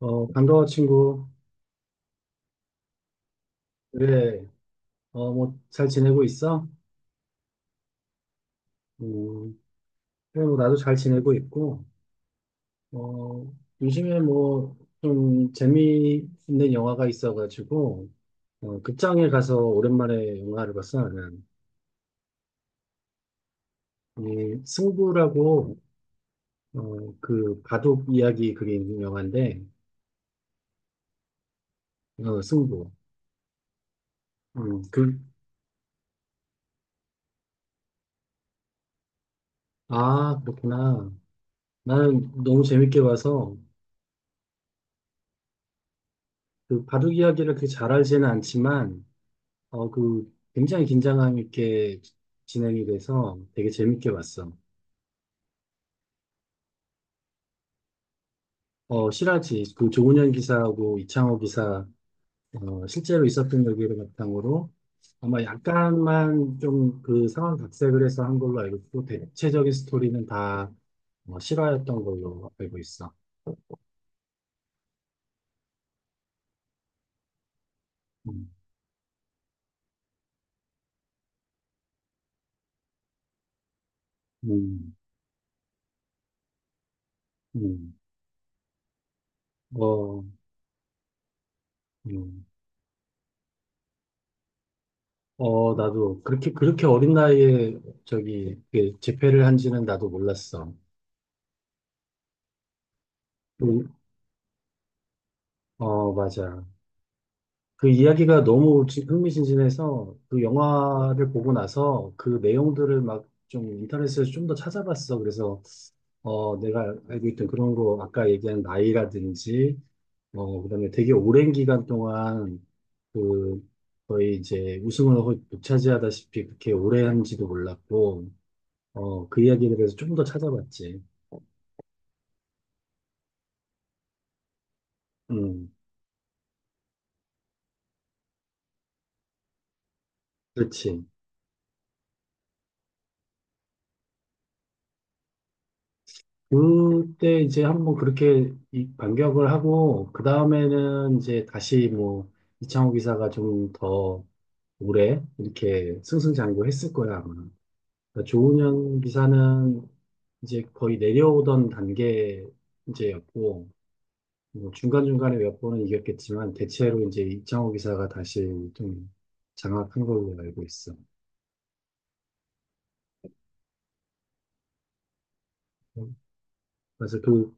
반가워, 친구. 그래, 뭐, 잘 지내고 있어? 음, 그래, 뭐, 나도 잘 지내고 있고, 어, 요즘에 뭐, 좀 재미있는 영화가 있어가지고, 극장에 가서 오랜만에 영화를 봤어, 나는. 이 승부라고, 바둑 이야기 그게 있는 영화인데, 승부. 음, 그, 아, 그렇구나. 나는 너무 재밌게 봐서, 그 바둑 이야기를 그렇게 잘 알지는 않지만, 어, 그, 굉장히 긴장감 있게 진행이 돼서 되게 재밌게 봤어. 어, 실화지, 그 조훈현 기사하고 이창호 기사, 실제로 있었던 얘기를 바탕으로 아마 약간만 좀 그 상황 각색을 해서 한 걸로 알고 있고, 대체적인 스토리는 다 실화였던 걸로 알고 있어. 음, 음, 음. 어, 음. 어, 나도 그렇게, 그렇게 어린 나이에 저기, 그 재패를 한지는 나도 몰랐어. 그, 어, 맞아. 그 이야기가 너무 흥미진진해서 그 영화를 보고 나서 그 내용들을 막 좀 인터넷에서 좀 더 찾아봤어. 그래서 내가 알고 있던 그런 거 아까 얘기한 나이라든지 그다음에 되게 오랜 기간 동안 그 거의 이제 우승을 거의 독차지하다시피 그렇게 오래 한지도 몰랐고 그 이야기에 대해서 좀 더 찾아봤지. 음 그렇지. 그때 이제 한번 그렇게 이 반격을 하고, 그 다음에는 이제 다시 뭐, 이창호 기사가 좀 더 오래 이렇게 승승장구 했을 거야, 아마. 그러니까 조은현 기사는 이제 거의 내려오던 단계 이제였고, 뭐 중간중간에 몇 번은 이겼겠지만, 대체로 이제 이창호 기사가 다시 좀 장악한 걸로 알고 있어. 그래서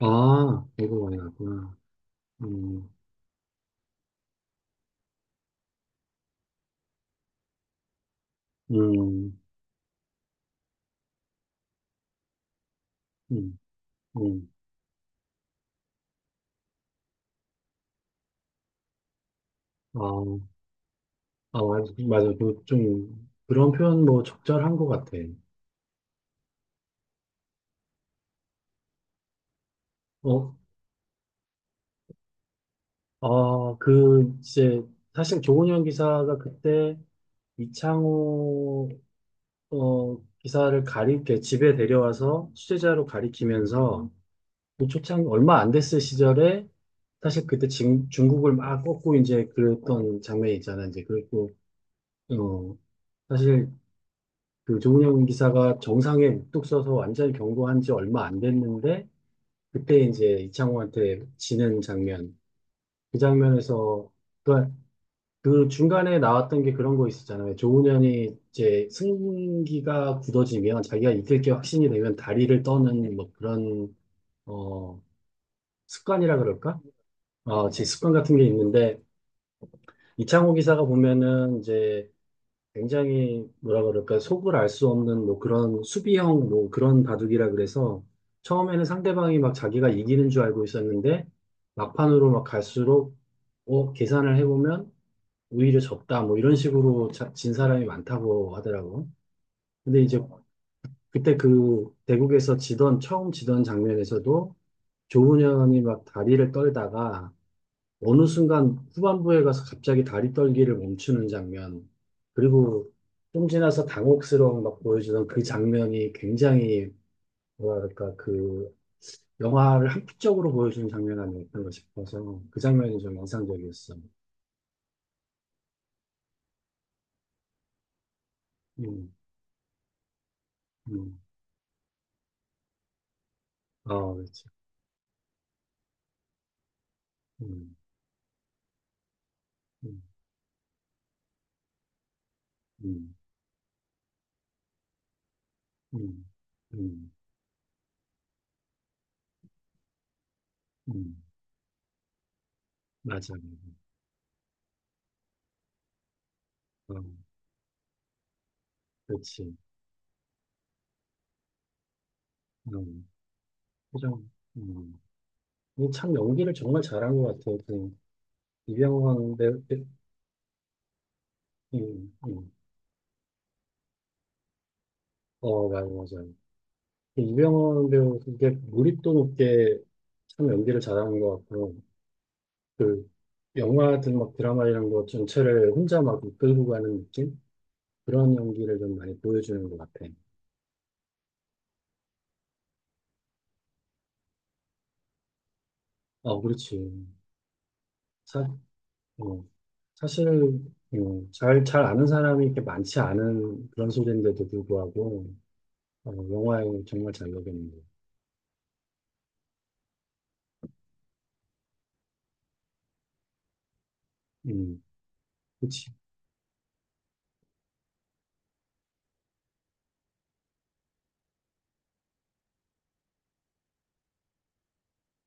아, 이거 많이 났구나. 음, 음, 음, 음. 아, 아, 맞아. 좀, 그런 표현 뭐 적절한 것 같아. 어, 이제, 사실 조은현 기사가 그때 이창호, 기사를 가리게 집에 데려와서 취재자로 가리키면서 그 초창 얼마 안 됐을 시절에 사실 그때 중국을 막 꺾고 이제 그랬던 장면이 있잖아. 이제 그랬고, 어, 사실 그 조은현 기사가 정상에 묵뚝 서서 완전히 경고한 지 얼마 안 됐는데 그때 이제 이창호한테 지는 장면. 그 장면에서, 그러니까 그 중간에 나왔던 게 그런 거 있었잖아요. 조훈현이 이제 승기가 굳어지면 자기가 이길 게 확신이 되면 다리를 떠는 뭐 그런, 어, 습관이라 그럴까? 어, 제 습관 같은 게 있는데, 이창호 기사가 보면은 이제 굉장히 뭐라 그럴까 속을 알 수 없는 뭐 그런 수비형 뭐 그런 바둑이라 그래서 처음에는 상대방이 막 자기가 이기는 줄 알고 있었는데 막판으로 막 갈수록 계산을 해보면 오히려 졌다 뭐 이런 식으로 진 사람이 많다고 하더라고. 근데 이제 그때 그 대국에서 지던 처음 지던 장면에서도 조훈현이 막 다리를 떨다가 어느 순간 후반부에 가서 갑자기 다리 떨기를 멈추는 장면, 그리고 좀 지나서 당혹스러움 막 보여주던 그 장면이 굉장히, 뭐랄까, 그 영화를 한편적으로 보여주는 장면 아니었던가 싶어서 그 장면이 좀 인상적이었어. 음, 음. 아, 그렇지. 음, 음, 음, 음, 음, 음. 맞아. 어, 그렇지. 음, 표정. 음. 이참 연기를 정말 잘한 것 같아요. 그 이병헌 배- 음, 음. 어, 맞아요, 맞아요. 그 이병헌 배우, 그게 몰입도 높게 참 연기를 잘하는 것 같고, 그, 영화든 막 드라마 이런 거 전체를 혼자 막 이끌고 가는 느낌? 그런 연기를 좀 많이 보여주는 것 같아. 어, 그렇지. 사, 어, 사실, 잘 아는 사람이 이렇게 많지 않은 그런 소재인데도 불구하고, 영화에 정말 잘 녹였는 거. 음, 그치.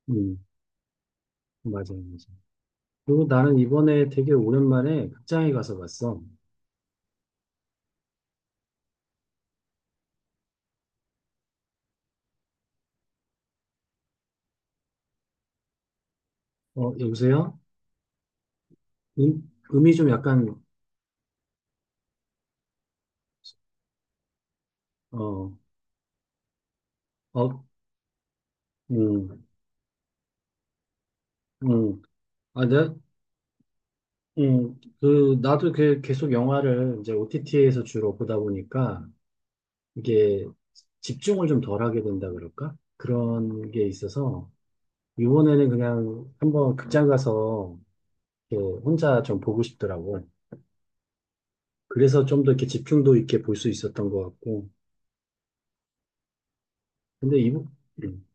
음, 맞아요, 맞아요. 그리고 나는 이번에 되게 오랜만에 극장에 가서 봤어. 여보세요? 음이 좀 약간, 어, 어, 음, 음. 아, 내, 나도 그 계속 영화를 이제 OTT에서 주로 보다 보니까 이게 집중을 좀 덜 하게 된다 그럴까? 그런 게 있어서 이번에는 그냥 한번 극장 가서 이렇게 혼자 좀 보고 싶더라고. 그래서 좀 더 이렇게 집중도 있게 볼 수 있었던 것 같고. 근데 음.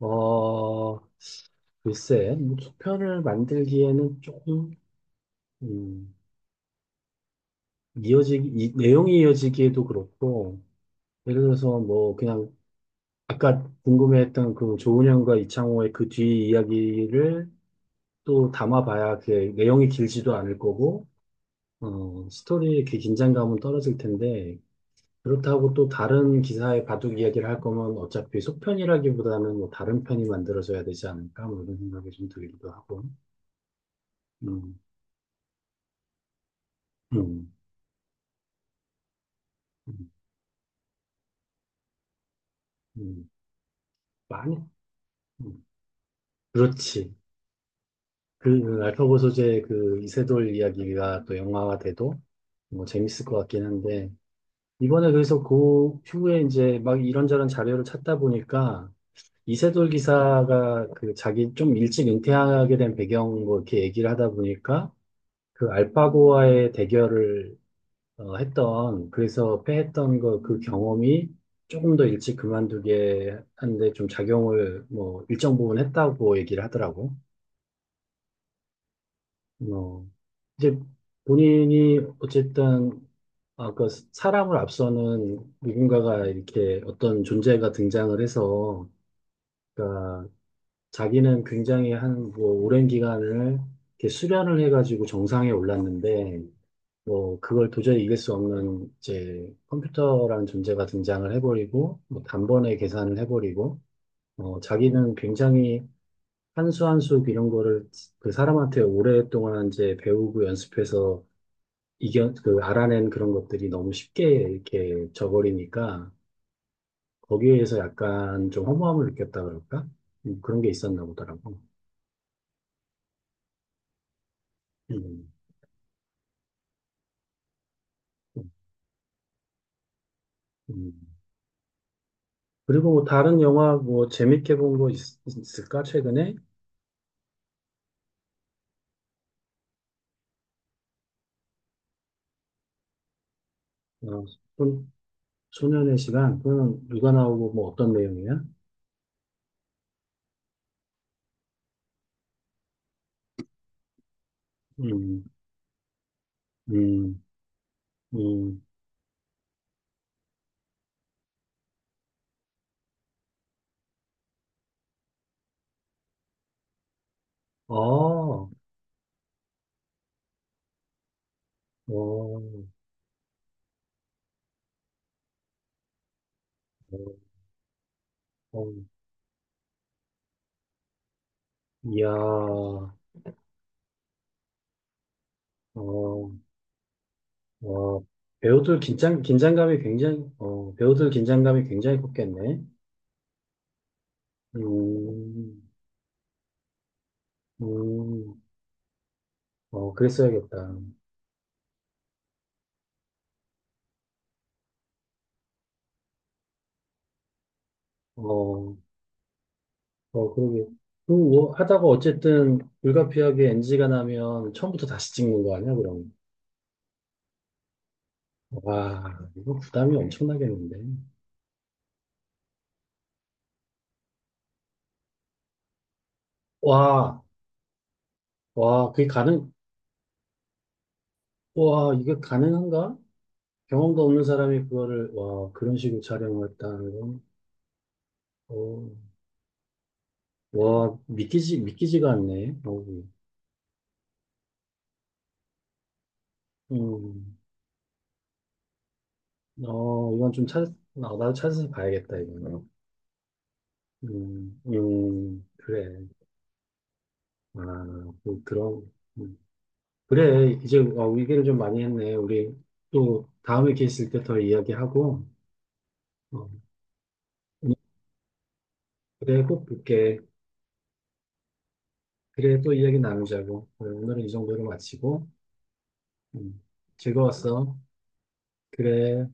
어, 글쎄, 뭐 속편을 만들기에는 조금, 음, 내용이 이어지기에도 그렇고, 예를 들어서 뭐, 그냥, 아까 궁금해했던 그 조은현과 이창호의 그 뒤 이야기를 또 담아봐야 그 내용이 길지도 않을 거고, 스토리의 그 긴장감은 떨어질 텐데, 그렇다고 또 다른 기사의 바둑 이야기를 할 거면 어차피 속편이라기보다는 뭐 다른 편이 만들어져야 되지 않을까, 뭐 이런 생각이 좀 들기도 하고, 음. 음. 음, 음, 많이, 음, 그렇지. 알파고 소재의 그 이세돌 이야기가 또 영화가 돼도 뭐 재밌을 것 같긴 한데, 이번에 그래서 그 후에 이제 막 이런저런 자료를 찾다 보니까 이세돌 기사가 그 자기 좀 일찍 은퇴하게 된 배경 뭐 이렇게 얘기를 하다 보니까 그 알파고와의 대결을 했던, 그래서 패했던 거, 그 경험이 조금 더 일찍 그만두게 하는데 좀 작용을 뭐 일정 부분 했다고 얘기를 하더라고. 어, 이제 본인이 어쨌든 아까 사람을 앞서는 누군가가 이렇게 어떤 존재가 등장을 해서, 그러니까 자기는 굉장히 한 뭐 오랜 기간을 이렇게 수련을 해가지고 정상에 올랐는데 뭐 그걸 도저히 이길 수 없는 이제 컴퓨터라는 존재가 등장을 해버리고 뭐 단번에 계산을 해버리고 자기는 굉장히 한수 한 수 이런 거를 그 사람한테 오랫동안 이제 배우고 연습해서 이겨 그 알아낸 그런 것들이 너무 쉽게 이렇게 져버리니까 거기에서 약간 좀 허무함을 느꼈다 그럴까? 그런 게 있었나 보더라고. 음, 음. 음. 그리고 뭐 다른 영화 뭐 재밌게 본 거 있을까 최근에? 어, 소년의 시간, 그건 누가 나오고 뭐 어떤 내용이야? 음, 음, 음, 아, 어, 어, 어, 이야, 어, 어, 배우들 긴장감이 굉장히 컸겠네. 음, 음, 어, 그랬어야겠다. 어, 어, 그러게. 뭐 하다가 어쨌든 불가피하게 NG가 나면 처음부터 다시 찍는 거 아니야, 그럼? 와, 이거 부담이 엄청나겠는데. 와, 와, 와, 이게 가능한가? 경험도 없는 사람이 그거를, 와, 그런 식으로 촬영을 했다는 건, 어, 와, 믿기지가 않네, 어, 음, 이건 좀 나도 찾아서 봐야겠다, 이거는. 그래. 아, 그, 그런, 음. 그래. 이제, 얘기를 좀 많이 했네. 우리 또 다음에 기회 있을 때 더 이야기하고, 어, 음, 그래, 꼭 볼게. 그래, 또 이야기 나누자고. 그래, 오늘은 이 정도로 마치고. 음, 즐거웠어. 그래.